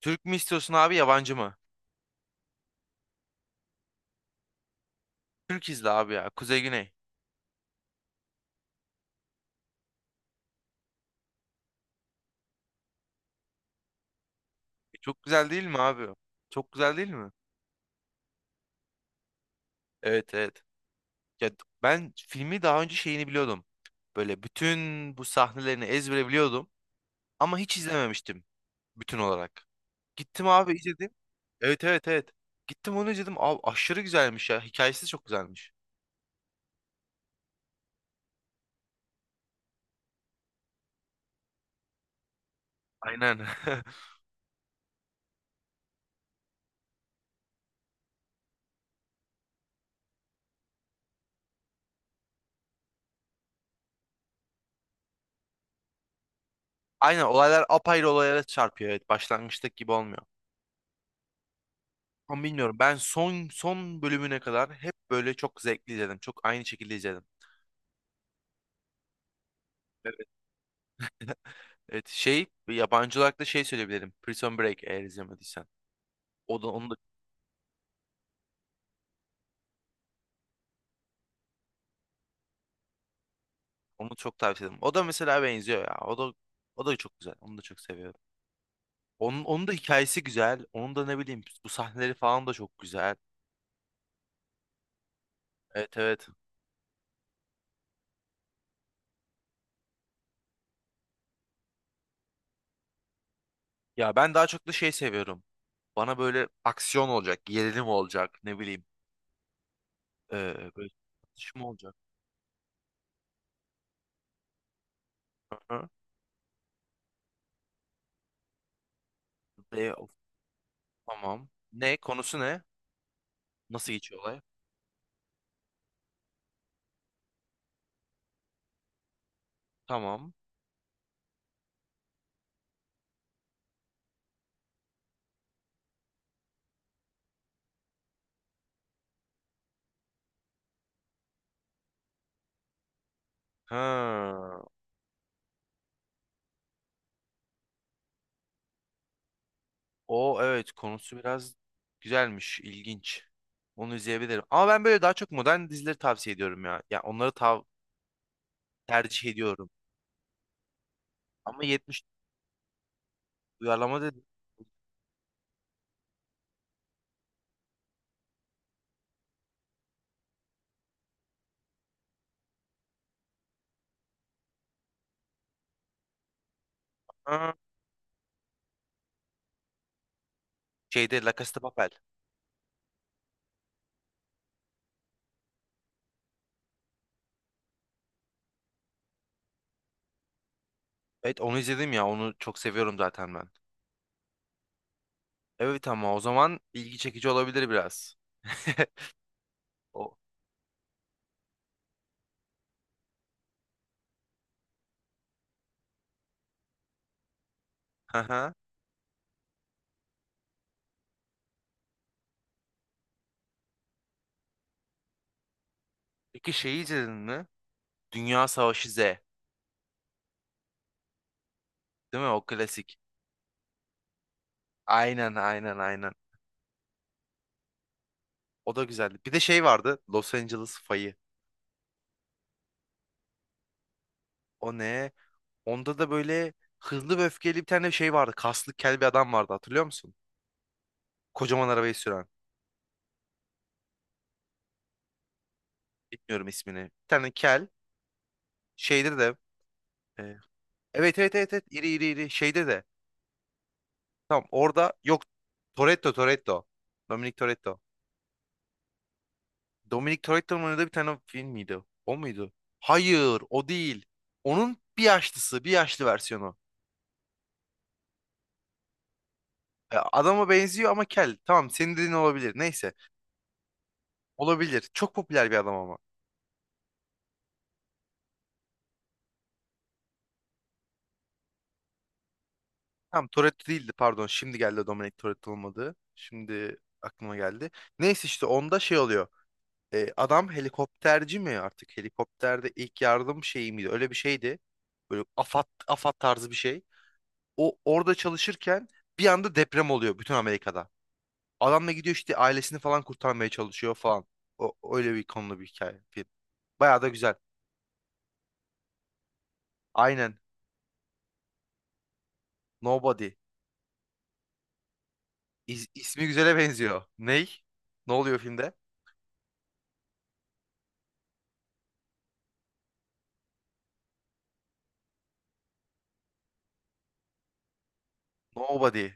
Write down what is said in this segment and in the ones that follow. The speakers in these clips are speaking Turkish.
Türk mü istiyorsun abi yabancı mı? Türk izle abi ya. Kuzey Güney. Çok güzel değil mi abi? Çok güzel değil mi? Evet, evet. Ya d- Ben filmi daha önce şeyini biliyordum. Böyle bütün bu sahnelerini ezbere biliyordum. Ama hiç izlememiştim bütün olarak. Gittim abi izledim. Evet, evet, evet. Gittim onu izledim. Abi aşırı güzelmiş ya. Hikayesi de çok güzelmiş. Aynen. Aynen, olaylar apayrı olaylara çarpıyor. Evet, başlangıçtaki gibi olmuyor. Ama bilmiyorum. Ben son bölümüne kadar hep böyle çok zevkli izledim. Çok aynı şekilde izledim. Evet. Evet, şey, yabancı olarak da şey söyleyebilirim. Prison Break, eğer izlemediysen. O da onu da onu çok tavsiye ederim. O da mesela benziyor ya. O da çok güzel. Onu da çok seviyorum. Onun da hikayesi güzel. Onun da ne bileyim, bu sahneleri falan da çok güzel. Evet, evet. Ya ben daha çok da şey seviyorum. Bana böyle aksiyon olacak, gerilim olacak, ne bileyim. Böyle çatışma olacak. Hı hı. Ve of, tamam. Ne konusu, ne? Nasıl geçiyor olay? Tamam. Ha. O, evet, konusu biraz güzelmiş, ilginç. Onu izleyebilirim. Ama ben böyle daha çok modern dizileri tavsiye ediyorum ya. Ya onları tav Tercih ediyorum. Ama 70 uyarlama dedim. Ha. Şeyde La Casa de Papel. Evet, onu izledim ya. Onu çok seviyorum zaten ben. Evet, ama o zaman ilgi çekici olabilir biraz. O. Aha. Peki şeyi izledin mi? Dünya Savaşı Z. Değil mi? O klasik. Aynen, aynen, aynen. O da güzeldi. Bir de şey vardı. Los Angeles Fayı. O ne? Onda da böyle hızlı ve öfkeli bir tane şey vardı. Kaslı kel bir adam vardı, hatırlıyor musun? Kocaman arabayı süren. Bilmiyorum ismini. Bir tane kel. Şeyde de. e, evet, evet, evet, evet. İri, iri, iri. Şeyde de. Tamam, orada yok. Toretto, Toretto. Dominic Toretto. Dominic Toretto'nun oynadığı bir tane film miydi? O muydu? Hayır, o değil. Onun bir yaşlısı. Bir yaşlı versiyonu. Adama benziyor ama kel. Tamam, senin dediğin olabilir. Neyse. Olabilir. Çok popüler bir adam ama. Tamam, Toretto değildi, pardon. Şimdi geldi Dominic Toretto, olmadı. Şimdi aklıma geldi. Neyse, işte onda şey oluyor. Adam helikopterci mi artık? Helikopterde ilk yardım şeyi miydi? Öyle bir şeydi. Böyle AFAD, AFAD tarzı bir şey. O orada çalışırken bir anda deprem oluyor bütün Amerika'da. Adam da gidiyor, işte ailesini falan kurtarmaya çalışıyor falan. O, öyle bir konulu bir hikaye. Film. Bayağı da güzel. Aynen. Nobody. İsmi güzele benziyor. Ney? Ne oluyor filmde? Nobody.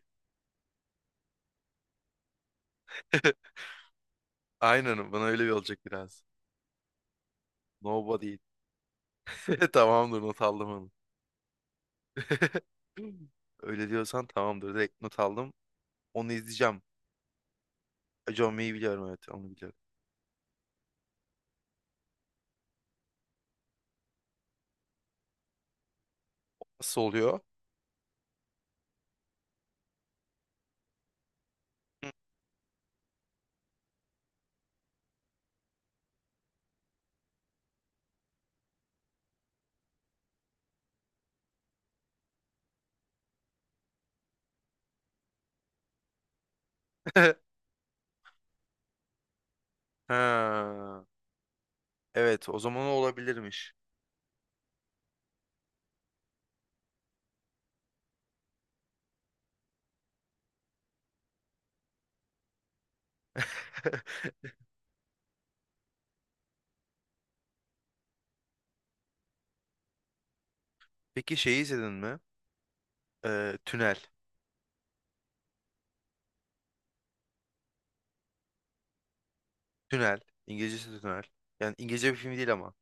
Aynen, bana öyle bir olacak biraz. Nobody. Tamamdır, not aldım onu. Öyle diyorsan tamamdır. Direkt not aldım. Onu izleyeceğim. John May'i biliyorum, evet, onu biliyorum. Nasıl oluyor? Ha. Evet, o zaman o olabilirmiş. Peki şeyi izledin mi? Tünel. Tünel. İngilizcesi de Tünel. Yani İngilizce bir film değil ama.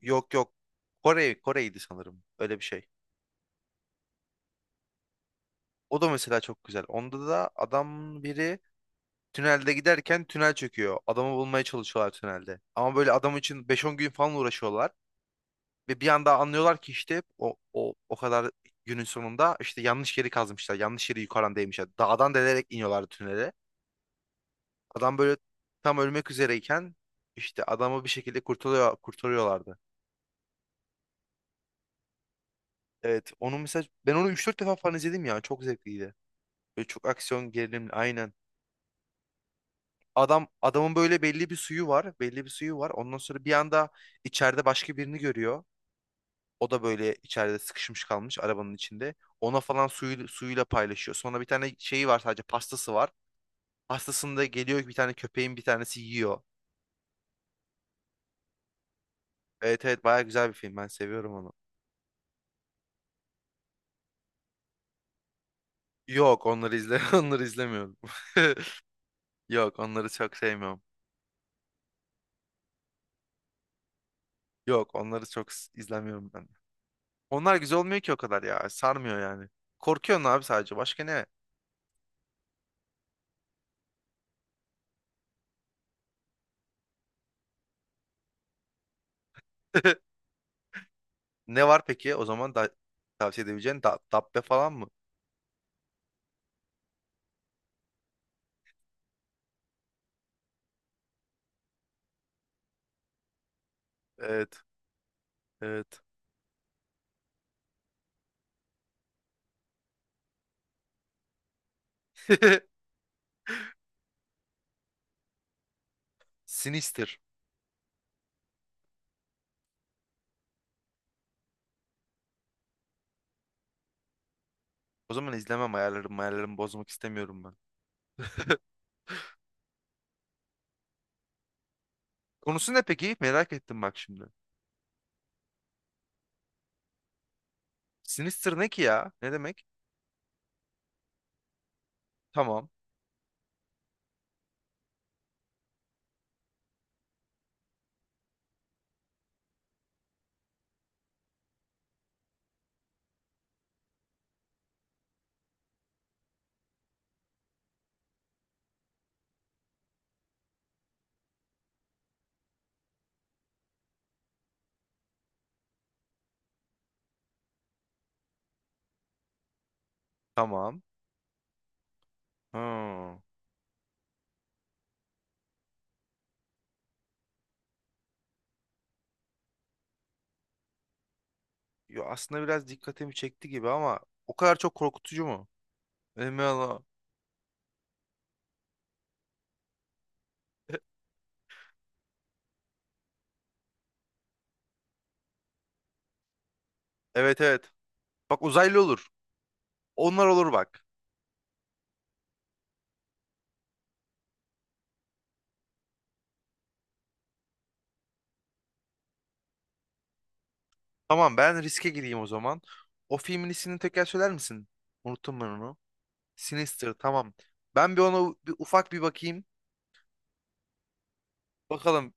Yok, yok. Kore, Kore'ydi sanırım. Öyle bir şey. O da mesela çok güzel. Onda da adam biri tünelde giderken tünel çöküyor. Adamı bulmaya çalışıyorlar tünelde. Ama böyle adam için beş on gün falan uğraşıyorlar. Ve bir anda anlıyorlar ki işte o kadar günün sonunda işte yanlış yeri kazmışlar. Yanlış yeri yukarıdan değmişler. Dağdan delerek iniyorlardı tünele. Adam böyle tam ölmek üzereyken işte adamı bir şekilde kurtarıyorlardı. Evet, onun mesela, ben onu üç dört defa falan izledim ya. Çok zevkliydi. Böyle çok aksiyon gerilimli, aynen. Adamın böyle belli bir suyu var, belli bir suyu var. Ondan sonra bir anda içeride başka birini görüyor. O da böyle içeride sıkışmış kalmış arabanın içinde. Ona falan suyuyla paylaşıyor. Sonra bir tane şeyi var, sadece pastası var. Pastasında da geliyor bir tane köpeğin bir tanesi yiyor. Evet, evet, baya güzel bir film, ben seviyorum onu. Yok, onları izle, onları izlemiyorum. Yok, onları çok sevmiyorum. Yok, izlemiyorum ben. Onlar güzel olmuyor ki o kadar ya. Sarmıyor yani. Korkuyorsun abi sadece. Başka ne? Ne var peki o zaman da tavsiye edebileceğin? Dabbe falan mı? Evet. Evet. Sinister. O zaman izlemem, ayarlarımı bozmak istemiyorum ben. Konusu ne peki? Merak ettim bak şimdi. Sinister ne ki ya? Ne demek? Tamam. Tamam. Ha. Yo, aslında biraz dikkatimi çekti gibi, ama o kadar çok korkutucu mu? Emin ol- Evet, evet. Bak, uzaylı olur. Onlar olur bak. Tamam, ben riske gireyim o zaman. O filmin ismini tekrar söyler misin? Unuttum ben onu. Sinister, tamam. Ben bir ona bir, ufak bir bakayım. Bakalım.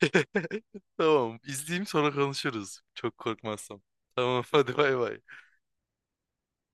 Tamam, izleyeyim, sonra konuşuruz. Çok korkmazsam. Tamam, hadi bay bay.